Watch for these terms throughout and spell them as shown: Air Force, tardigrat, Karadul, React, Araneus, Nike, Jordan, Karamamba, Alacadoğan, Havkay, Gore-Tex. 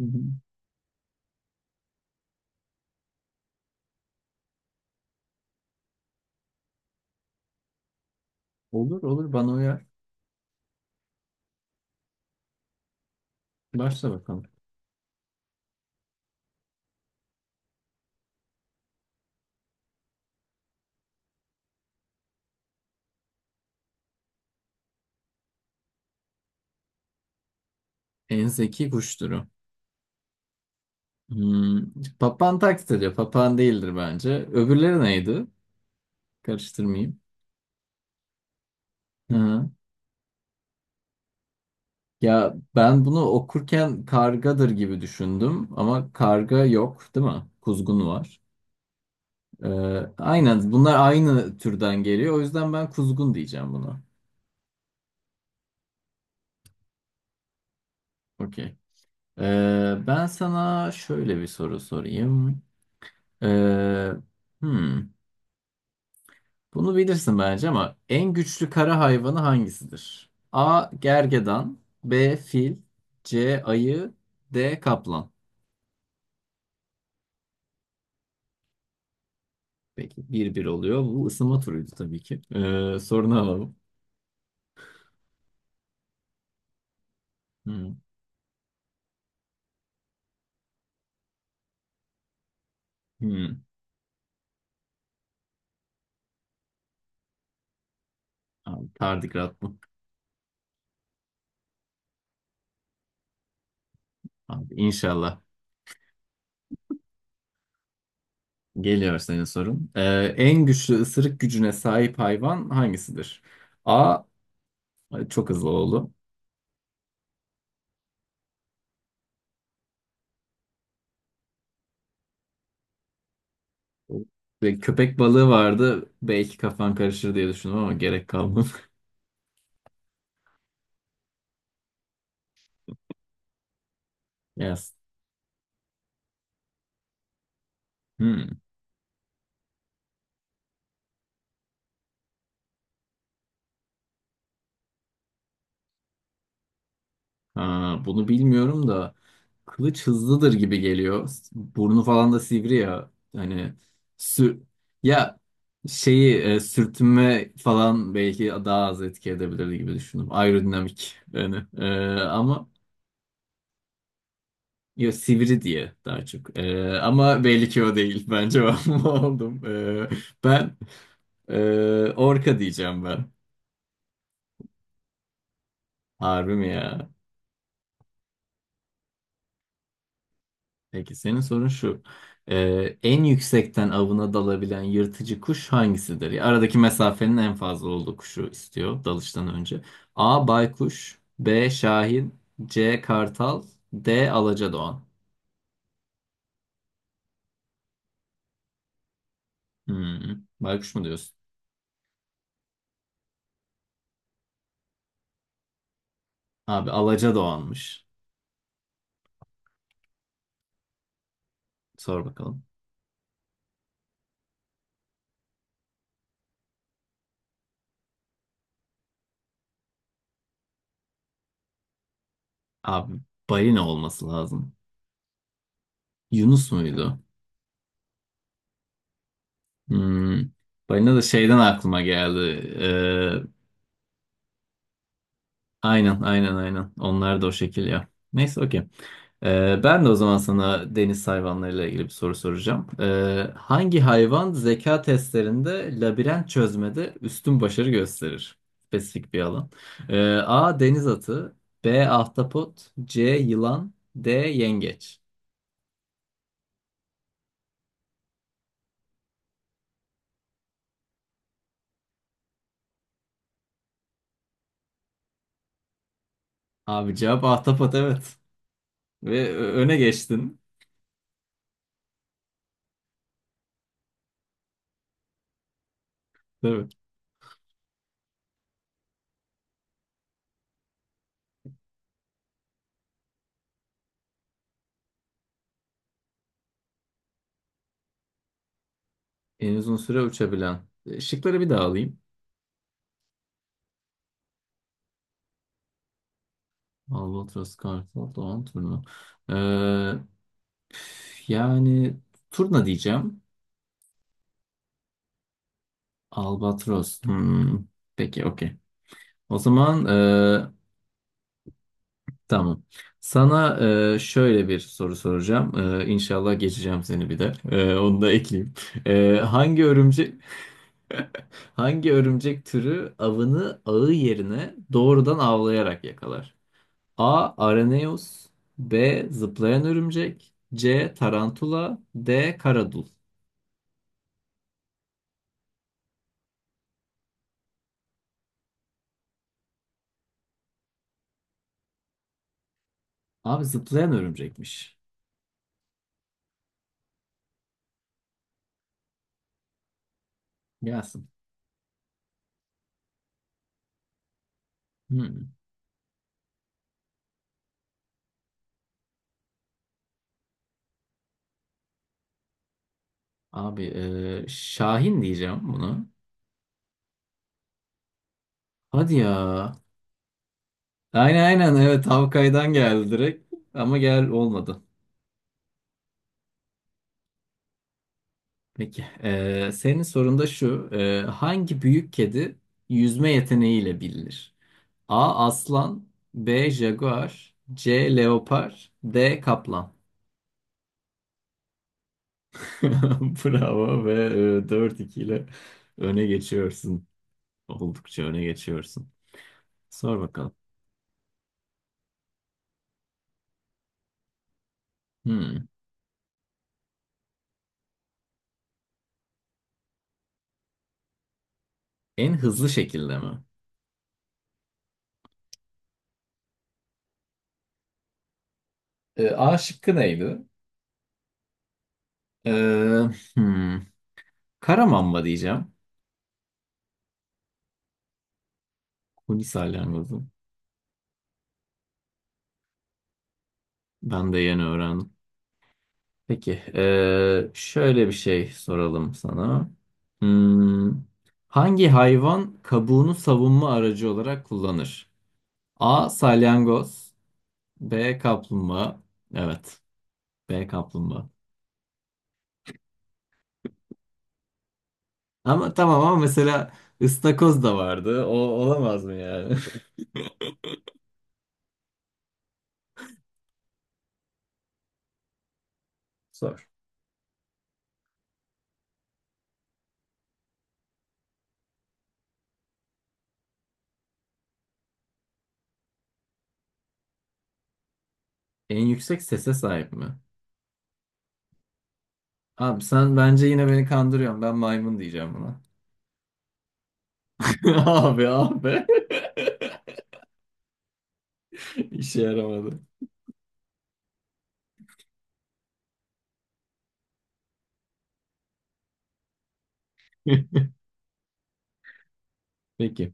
Hı hı. Olur olur bana uyar. Başla bakalım. En zeki kuş türü. Hmm. Papağan taklit ediyor. Papağan değildir bence. Öbürleri neydi? Karıştırmayayım. Hı. hı. Ya ben bunu okurken kargadır gibi düşündüm ama karga yok değil mi? Kuzgun var. Ee, aynen bunlar aynı türden geliyor. O yüzden ben kuzgun diyeceğim buna. Okey. Ben sana şöyle bir soru sorayım. Ee, hmm. Bunu bilirsin bence ama en güçlü kara hayvanı hangisidir? A. Gergedan, B. Fil, C. Ayı, D. Kaplan. Peki bir bir oluyor. Bu ısınma turuydu tabii ki. Sorunu alalım. Hmm. Hmm. Abi, tardigrat bu. Abi, inşallah. Geliyor senin sorun. En güçlü ısırık gücüne sahip hayvan hangisidir? A. Ay, çok hızlı oldu. Ve köpek balığı vardı. Belki kafan karışır diye düşündüm ama gerek kalmadı. Yes. Hmm. Ha, bunu bilmiyorum da kılıç hızlıdır gibi geliyor. Burnu falan da sivri ya. Hani sür ya şeyi sürtünme falan belki daha az etki edebilir gibi düşündüm. Aerodinamik yani. Ama ya sivri diye daha çok. Ama belli ki o değil. Ben cevabımı aldım. E, Ben orka diyeceğim ben. Harbi mi ya? Peki senin sorun şu. En yüksekten avına dalabilen yırtıcı kuş hangisidir? Ya, aradaki mesafenin en fazla olduğu kuşu istiyor dalıştan önce. A. Baykuş, B. Şahin, C. Kartal, D. Alacadoğan. Hmm, Baykuş mu diyorsun? Abi Alacadoğan'mış. Sor bakalım. Abi balina olması lazım. Yunus muydu? Hmm, Balina da şeyden aklıma geldi. Ee, Aynen aynen aynen. Onlar da o şekil ya. Neyse okey. Ben de o zaman sana deniz hayvanlarıyla ilgili bir soru soracağım. Hangi hayvan zeka testlerinde labirent çözmede üstün başarı gösterir? Spesifik bir alan. A. Deniz atı, B. Ahtapot, C. Yılan, D. Yengeç. Abi cevap ahtapot, evet. Ve öne geçtin. Tabii. En uzun süre uçabilen. Şıkları bir daha alayım. Albatros, Kartal, Doğan, Turna. Yani turna diyeceğim. Albatros. Peki okey. O zaman tamam. Sana şöyle bir soru soracağım. İnşallah geçeceğim seni bir de. Onu da ekleyeyim. E, hangi örümcek Hangi örümcek türü avını ağı yerine doğrudan avlayarak yakalar? A. Araneus, B. Zıplayan örümcek, C. Tarantula, D. Karadul. Abi zıplayan örümcekmiş. Gelsin. Hmm. Abi Şahin diyeceğim bunu. Hadi ya. Aynen aynen, evet Havkay'dan geldi direkt. Ama gel olmadı. Peki. Senin sorun da şu. Hangi büyük kedi yüzme yeteneğiyle bilinir? A. Aslan, B. Jaguar, C. Leopar, D. Kaplan. Bravo, ve 4-2 ile öne geçiyorsun. Oldukça öne geçiyorsun. Sor bakalım. Hmm. En hızlı şekilde mi? A şıkkı neydi? Ee, hmm. Karamamba diyeceğim. Huni salyangozu. Ben de yeni öğrendim. Peki, şöyle bir şey soralım sana. Hmm, Hangi hayvan kabuğunu savunma aracı olarak kullanır? A. Salyangoz, B. Kaplumbağa. Evet, B. Kaplumbağa. Ama tamam, ama mesela ıstakoz da vardı. O olamaz mı yani? Sor. En yüksek sese sahip mi? Abi sen bence yine beni kandırıyorsun. Ben maymun diyeceğim buna. Abi abi. İşe yaramadı. Peki.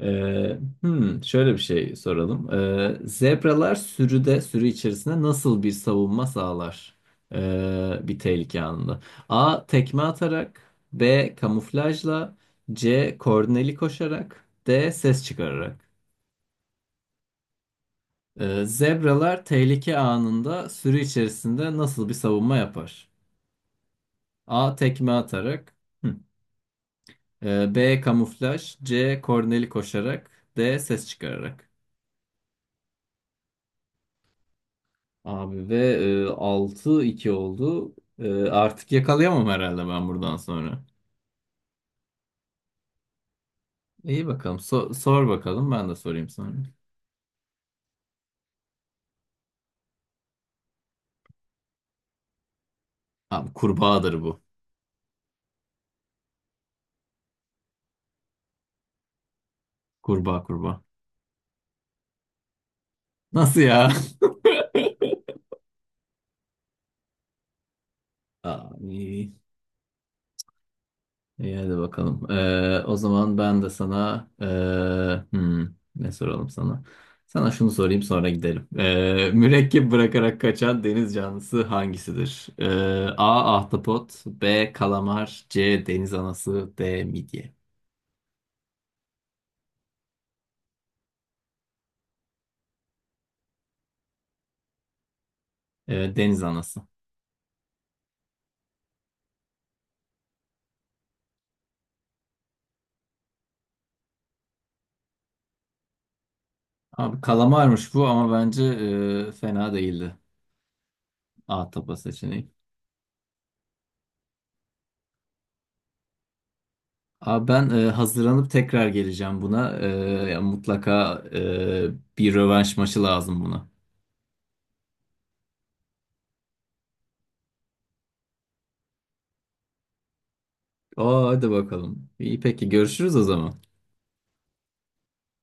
Şöyle bir şey soralım. Sürü içerisinde nasıl bir savunma sağlar? Bir tehlike anında. A. Tekme atarak, B. Kamuflajla, C. Koordineli koşarak, D. Ses çıkararak. Zebralar tehlike anında sürü içerisinde nasıl bir savunma yapar? A. Tekme atarak. Hı. B. Kamuflaj. C. Korneli koşarak. D. Ses çıkararak. Abi ve 6-2 oldu. Artık yakalayamam herhalde ben buradan sonra. İyi bakalım. Sor bakalım ben de sorayım sonra. Abi kurbağadır bu. Kurbağa kurbağa. Nasıl ya? Abi. İyi hadi bakalım. O zaman ben de sana ne soralım sana? Sana şunu sorayım sonra gidelim. Mürekkep bırakarak kaçan deniz canlısı hangisidir? A. Ahtapot, B. Kalamar, C. Deniz anası, D. Midye. Deniz anası. Abi kalamarmış bu ama bence fena değildi. Ahtapot seçeneği. Abi ben hazırlanıp tekrar geleceğim buna. Ya mutlaka bir rövanş maçı lazım buna. Aa hadi bakalım. İyi peki görüşürüz o zaman.